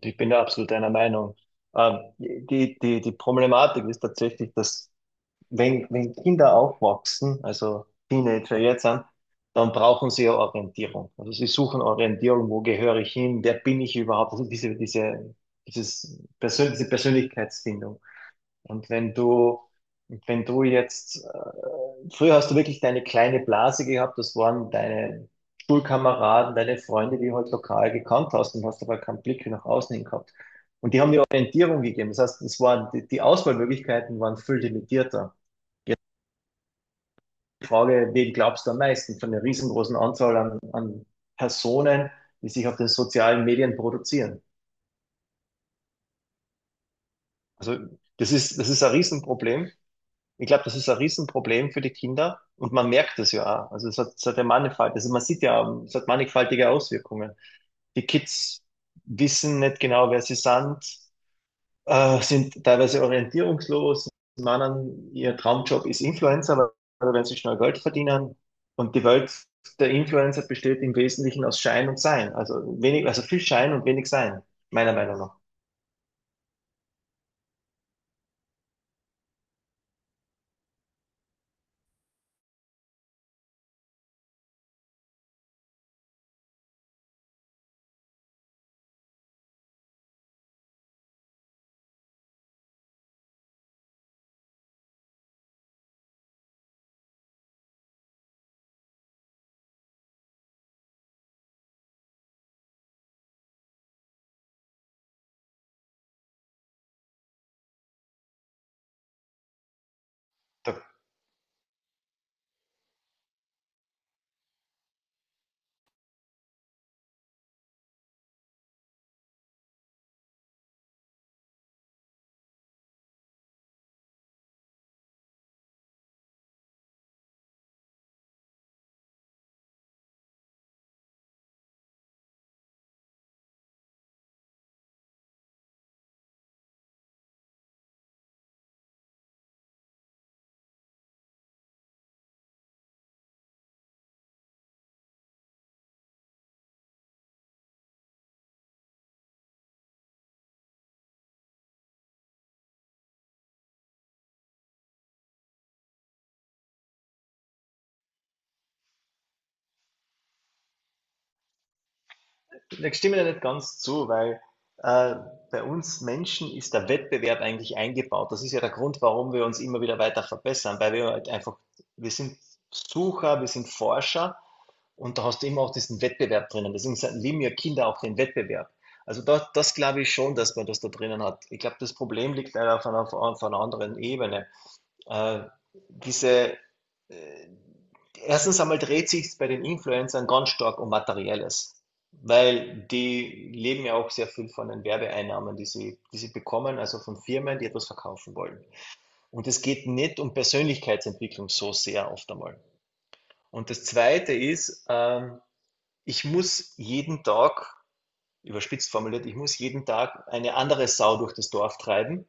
Ich bin da absolut deiner Meinung. Die Problematik ist tatsächlich, dass wenn Kinder aufwachsen, also Teenager jetzt sind, dann brauchen sie ja Orientierung. Also sie suchen Orientierung, wo gehöre ich hin, wer bin ich überhaupt? Also diese Persönlichkeitsfindung. Und wenn du, wenn du jetzt, Früher hast du wirklich deine kleine Blase gehabt, das waren deine Schulkameraden, deine Freunde, die du halt lokal gekannt hast und hast aber keinen Blick nach außen hin gehabt. Und die haben dir Orientierung gegeben. Das heißt, die Auswahlmöglichkeiten waren viel limitierter. Jetzt die Frage, wen glaubst du am meisten von der riesengroßen Anzahl an Personen, die sich auf den sozialen Medien produzieren? Also das ist ein Riesenproblem. Ich glaube, das ist ein Riesenproblem für die Kinder und man merkt es ja auch. Also es hat ja mannigfalt, also man sieht ja, es hat mannigfaltige Auswirkungen. Die Kids wissen nicht genau, wer sie sind, sind teilweise orientierungslos, meinen, ihr Traumjob ist Influencer, weil wenn sie schnell Geld verdienen. Und die Welt der Influencer besteht im Wesentlichen aus Schein und Sein. Also wenig, also viel Schein und wenig Sein, meiner Meinung nach. Da Ich stimme dir nicht ganz zu, weil äh, bei uns Menschen ist der Wettbewerb eigentlich eingebaut. Das ist ja der Grund, warum wir uns immer wieder weiter verbessern, weil wir halt einfach, wir sind Sucher, wir sind Forscher und da hast du immer auch diesen Wettbewerb drinnen. Deswegen lieben ja Kinder auch den Wettbewerb. Also da, das glaube ich schon, dass man das da drinnen hat. Ich glaube, das Problem liegt leider auf einer anderen Ebene. Äh, diese, äh, Erstens einmal dreht sich bei den Influencern ganz stark um Materielles, weil die leben ja auch sehr viel von den Werbeeinnahmen, die sie bekommen, also von Firmen, die etwas verkaufen wollen. Und es geht nicht um Persönlichkeitsentwicklung so sehr oft einmal. Und das Zweite ist, ich muss jeden Tag, überspitzt formuliert, ich muss jeden Tag eine andere Sau durch das Dorf treiben,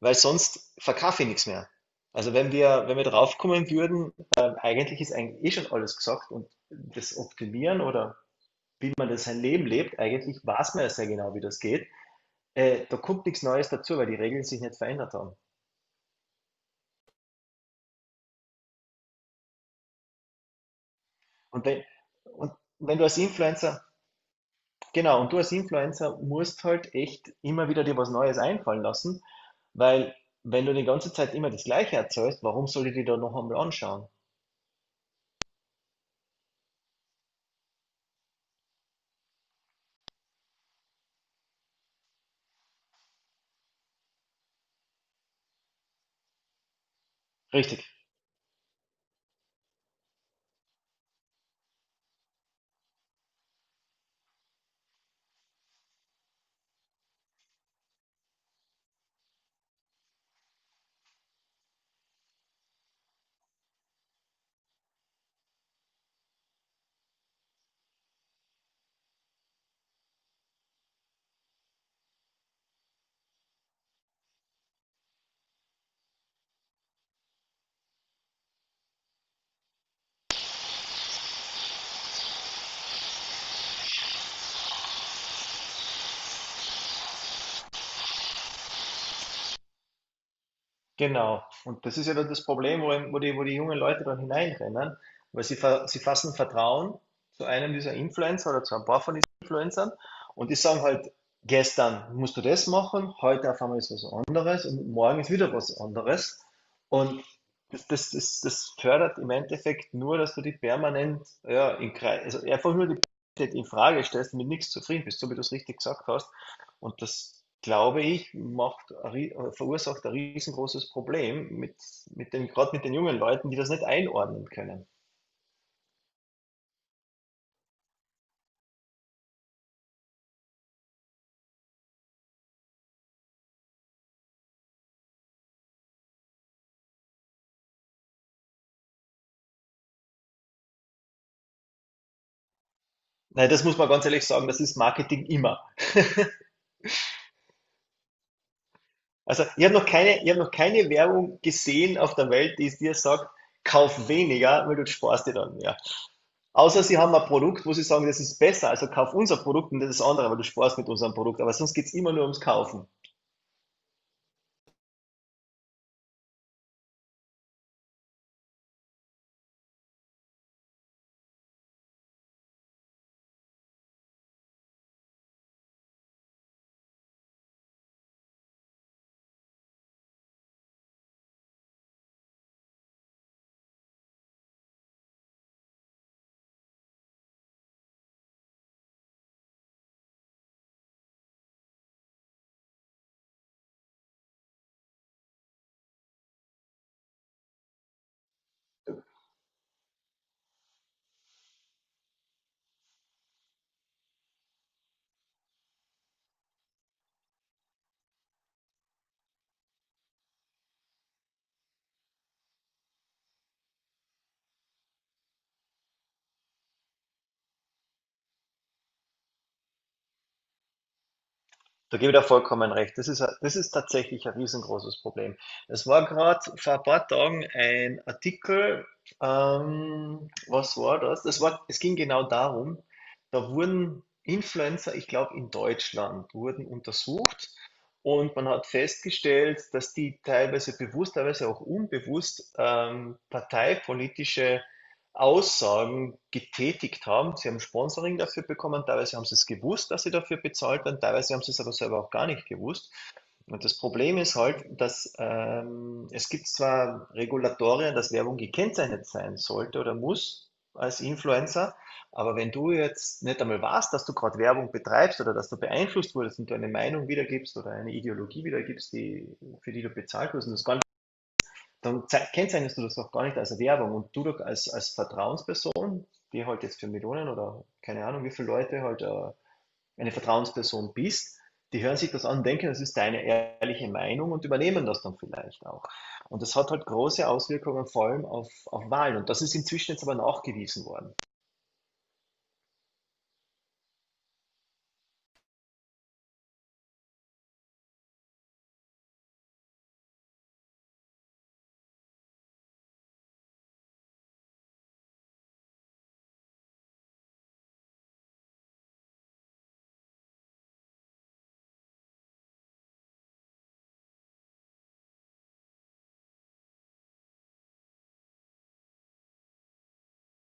weil sonst verkaufe ich nichts mehr. Also wenn wir drauf kommen würden, eigentlich ist eigentlich eh schon alles gesagt und das Optimieren oder wie man das sein Leben lebt, eigentlich weiß man ja sehr genau, wie das geht. Da kommt nichts Neues dazu, weil die Regeln sich nicht verändert haben. Und wenn, und wenn du als Influencer, Genau, und du als Influencer musst halt echt immer wieder dir was Neues einfallen lassen, weil wenn du die ganze Zeit immer das Gleiche erzählst, warum soll ich dir da noch einmal anschauen? Richtig. Genau. Und das ist ja dann das Problem, wo die jungen Leute dann hineinrennen, weil sie fassen Vertrauen zu einem dieser Influencer oder zu ein paar von diesen Influencern und die sagen halt, gestern musst du das machen, heute auf einmal ist was anderes und morgen ist wieder was anderes. Und das fördert im Endeffekt nur, dass du die permanent, ja, in, Kre- also einfach nur die Qualität in Frage stellst und mit nichts zufrieden bist, so wie du es richtig gesagt hast. Und das, glaube ich, verursacht ein riesengroßes Problem mit den, gerade mit den jungen Leuten, die das nicht einordnen können. Nein, das muss man ganz ehrlich sagen, das ist Marketing immer. Also ich habe noch keine Werbung gesehen auf der Welt, die es dir sagt, kauf weniger, weil du sparst dir dann mehr. Außer sie haben ein Produkt, wo sie sagen, das ist besser, also kauf unser Produkt und das ist andere, weil du sparst mit unserem Produkt. Aber sonst geht's immer nur ums Kaufen. Da gebe ich dir vollkommen recht. Das ist, das ist tatsächlich ein riesengroßes Problem. Es war gerade vor ein paar Tagen ein Artikel, was war das? Das war, es ging genau darum, da wurden Influencer, ich glaube in Deutschland, wurden untersucht und man hat festgestellt, dass die teilweise bewusst, teilweise auch unbewusst parteipolitische Aussagen getätigt haben. Sie haben Sponsoring dafür bekommen, teilweise haben sie es gewusst, dass sie dafür bezahlt werden, teilweise haben sie es aber selber auch gar nicht gewusst. Und das Problem ist halt, dass es gibt zwar Regulatorien, dass Werbung gekennzeichnet sein sollte oder muss als Influencer, aber wenn du jetzt nicht einmal weißt, dass du gerade Werbung betreibst oder dass du beeinflusst wurdest und du eine Meinung wiedergibst oder eine Ideologie wiedergibst, die, für die du bezahlt wirst, und das gar nicht, dann kennzeichnest du das auch gar nicht als Werbung und du doch als Vertrauensperson die halt jetzt für Millionen oder keine Ahnung, wie viele Leute halt eine Vertrauensperson bist, die hören sich das an, denken, das ist deine ehrliche Meinung und übernehmen das dann vielleicht auch. Und das hat halt große Auswirkungen vor allem auf Wahlen. Und das ist inzwischen jetzt aber nachgewiesen worden.